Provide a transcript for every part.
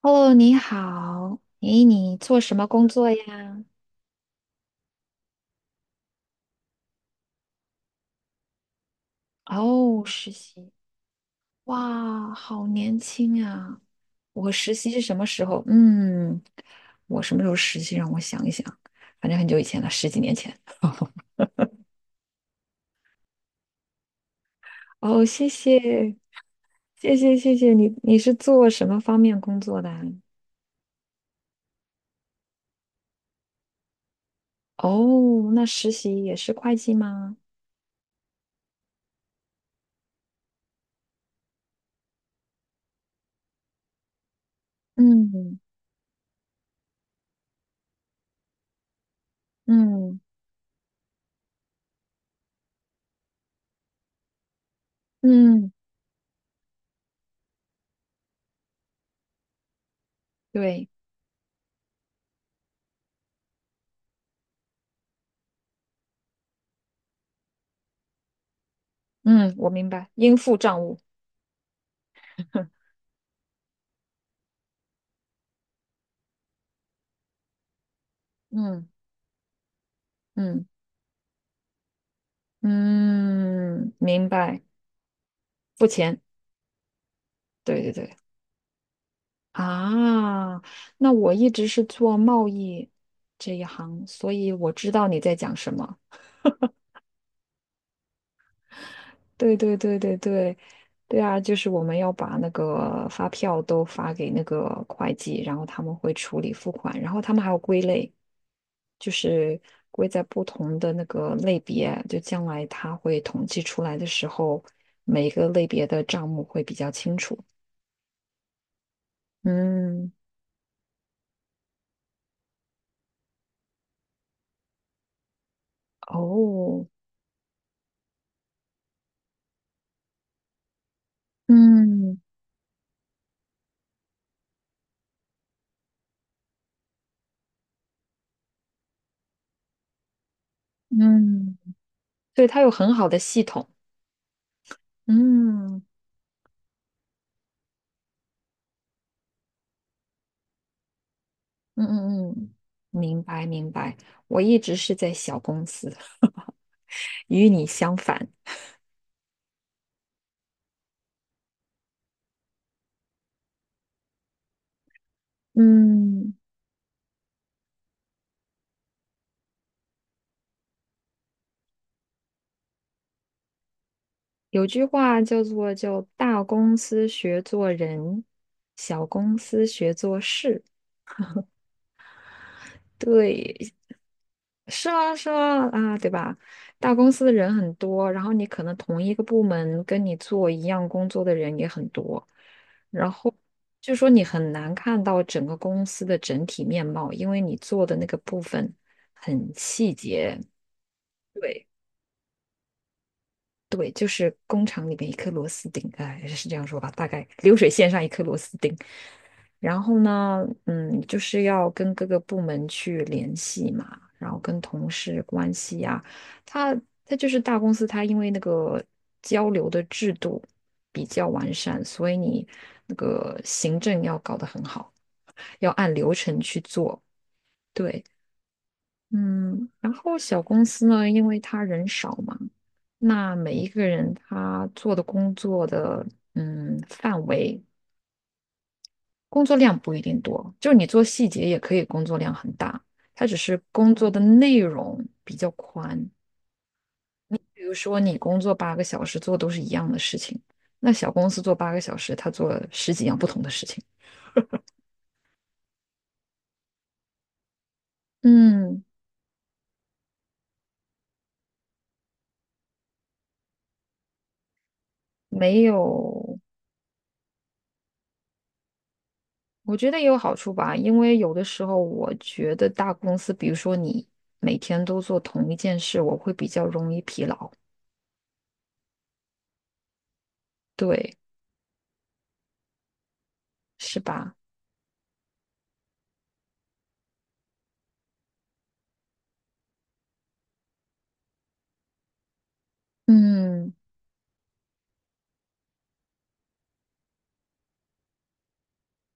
哦，你好。诶，你做什么工作呀？哦，实习。哇，好年轻啊！我实习是什么时候？嗯，我什么时候实习？让我想一想，反正很久以前了，十几年前。哦，谢谢，谢谢你。你是做什么方面工作的啊哦，那实习也是会计吗？嗯嗯嗯，对，嗯，我明白，应付账务。嗯嗯。嗯，明白，付钱，对,啊，那我一直是做贸易这一行，所以我知道你在讲什么。对对对对对，对啊，就是我们要把那个发票都发给那个会计，然后他们会处理付款，然后他们还有归类，就是归在不同的那个类别，就将来他会统计出来的时候，每个类别的账目会比较清楚。嗯。哦，嗯嗯，对，它有很好的系统，嗯嗯嗯嗯，明白明白。我一直是在小公司，与你相反。嗯，有句话叫做“就大公司学做人，小公司学做事”。对，是啊，是啊，啊，对吧？大公司的人很多，然后你可能同一个部门跟你做一样工作的人也很多，然后就说你很难看到整个公司的整体面貌，因为你做的那个部分很细节。对。对，就是工厂里面一颗螺丝钉，哎，是这样说吧，大概流水线上一颗螺丝钉。然后呢，嗯，就是要跟各个部门去联系嘛，然后跟同事关系呀、他他就是大公司，他因为那个交流的制度比较完善，所以你那个行政要搞得很好，要按流程去做。对，嗯，然后小公司呢，因为他人少嘛，那每一个人他做的工作的范围，工作量不一定多，就是你做细节也可以工作量很大，他只是工作的内容比较宽。比如说你工作八个小时做都是一样的事情，那小公司做八个小时，他做了十几样不同的事情。嗯，没有。我觉得也有好处吧，因为有的时候我觉得大公司，比如说你每天都做同一件事，我会比较容易疲劳，对，是吧？嗯，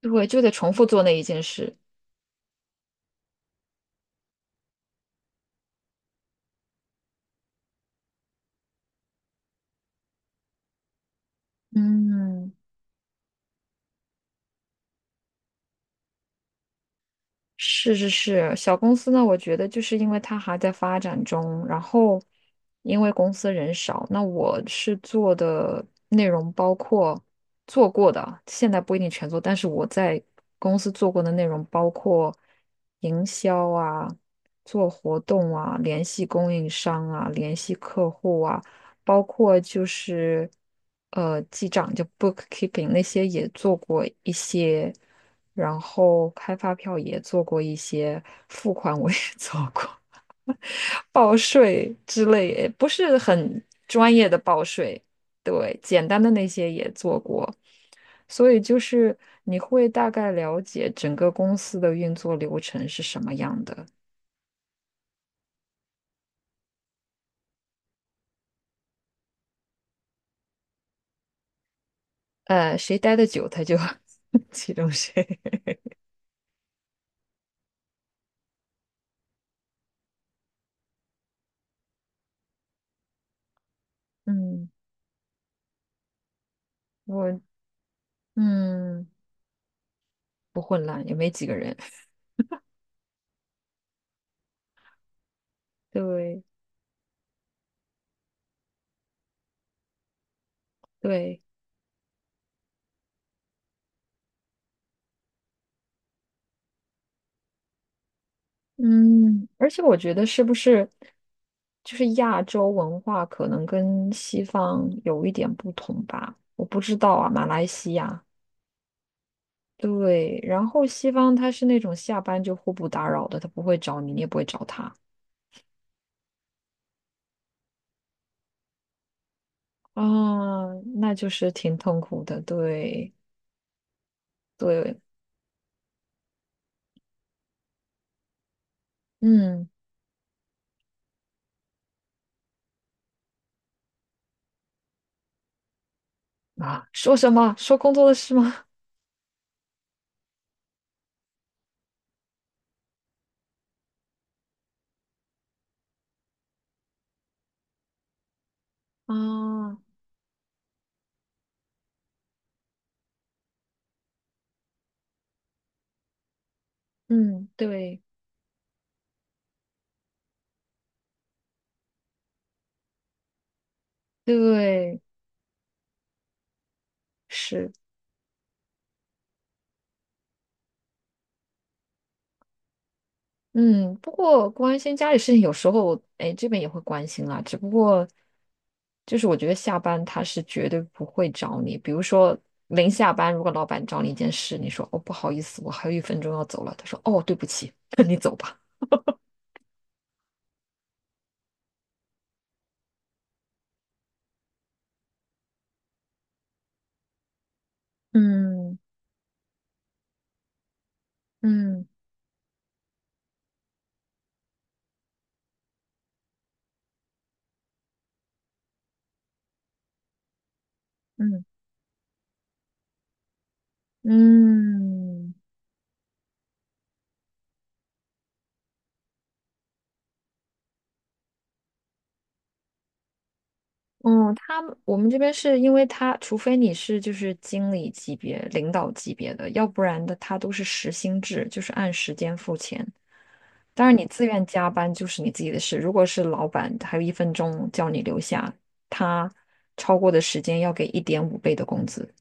对，就得重复做那一件事。嗯。是是是，小公司呢，我觉得就是因为它还在发展中，然后因为公司人少，那我是做的内容包括做过的，现在不一定全做，但是我在公司做过的内容包括营销啊、做活动啊、联系供应商啊、联系客户啊。包括就是记账就 bookkeeping 那些也做过一些，然后开发票也做过一些，付款我也 做过，报税之类也不是很专业的报税，对，简单的那些也做过，所以就是你会大概了解整个公司的运作流程是什么样的，谁待的久他就 启动谁，嗯，我嗯。不混乱，也没几个人。对对，嗯，而且我觉得是不是就是亚洲文化可能跟西方有一点不同吧？我不知道啊，马来西亚。对，然后西方他是那种下班就互不打扰的，他不会找你，你也不会找他啊，那就是挺痛苦的。对对，嗯啊，说什么？说工作的事吗？啊，嗯，对对，是。嗯，不过关心家里事情有时候，哎，这边也会关心啦。只不过，就是我觉得下班他是绝对不会找你。比如说临下班，如果老板找你一件事，你说哦不好意思，我还有一分钟要走了，他说哦对不起，那你走吧。嗯嗯嗯嗯嗯，他们我们这边是因为他，除非你是就是经理级别、领导级别的，要不然的他都是时薪制，就是按时间付钱。当然，你自愿加班就是你自己的事。如果是老板还有一分钟叫你留下，他超过的时间要给1.5倍的工资。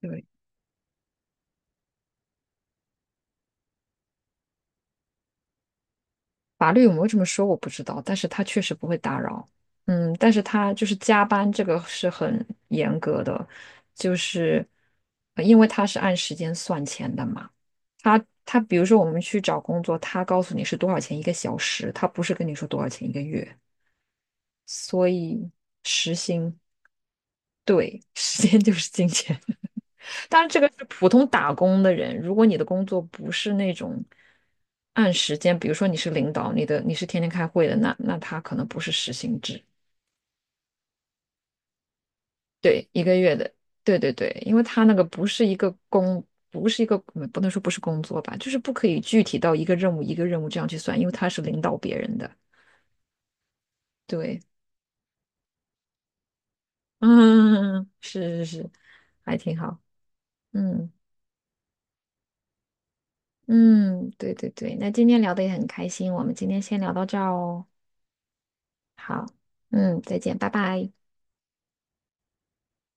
对，法律有没有这么说我不知道，但是他确实不会打扰。嗯，但是他就是加班这个是很严格的，就是因为他是按时间算钱的嘛。他比如说我们去找工作，他告诉你是多少钱一个小时，他不是跟你说多少钱一个月，所以时薪。对，时间就是金钱。当然，这个是普通打工的人。如果你的工作不是那种按时间，比如说你是领导，你是天天开会的，那他可能不是时薪制，对，一个月的，对对对，因为他那个不是一个工，不是一个，不能说不是工作吧，就是不可以具体到一个任务一个任务这样去算，因为他是领导别人的。对，嗯，是是是，还挺好，嗯。嗯，对对对，那今天聊的也很开心，我们今天先聊到这儿哦。好，嗯，再见，拜拜。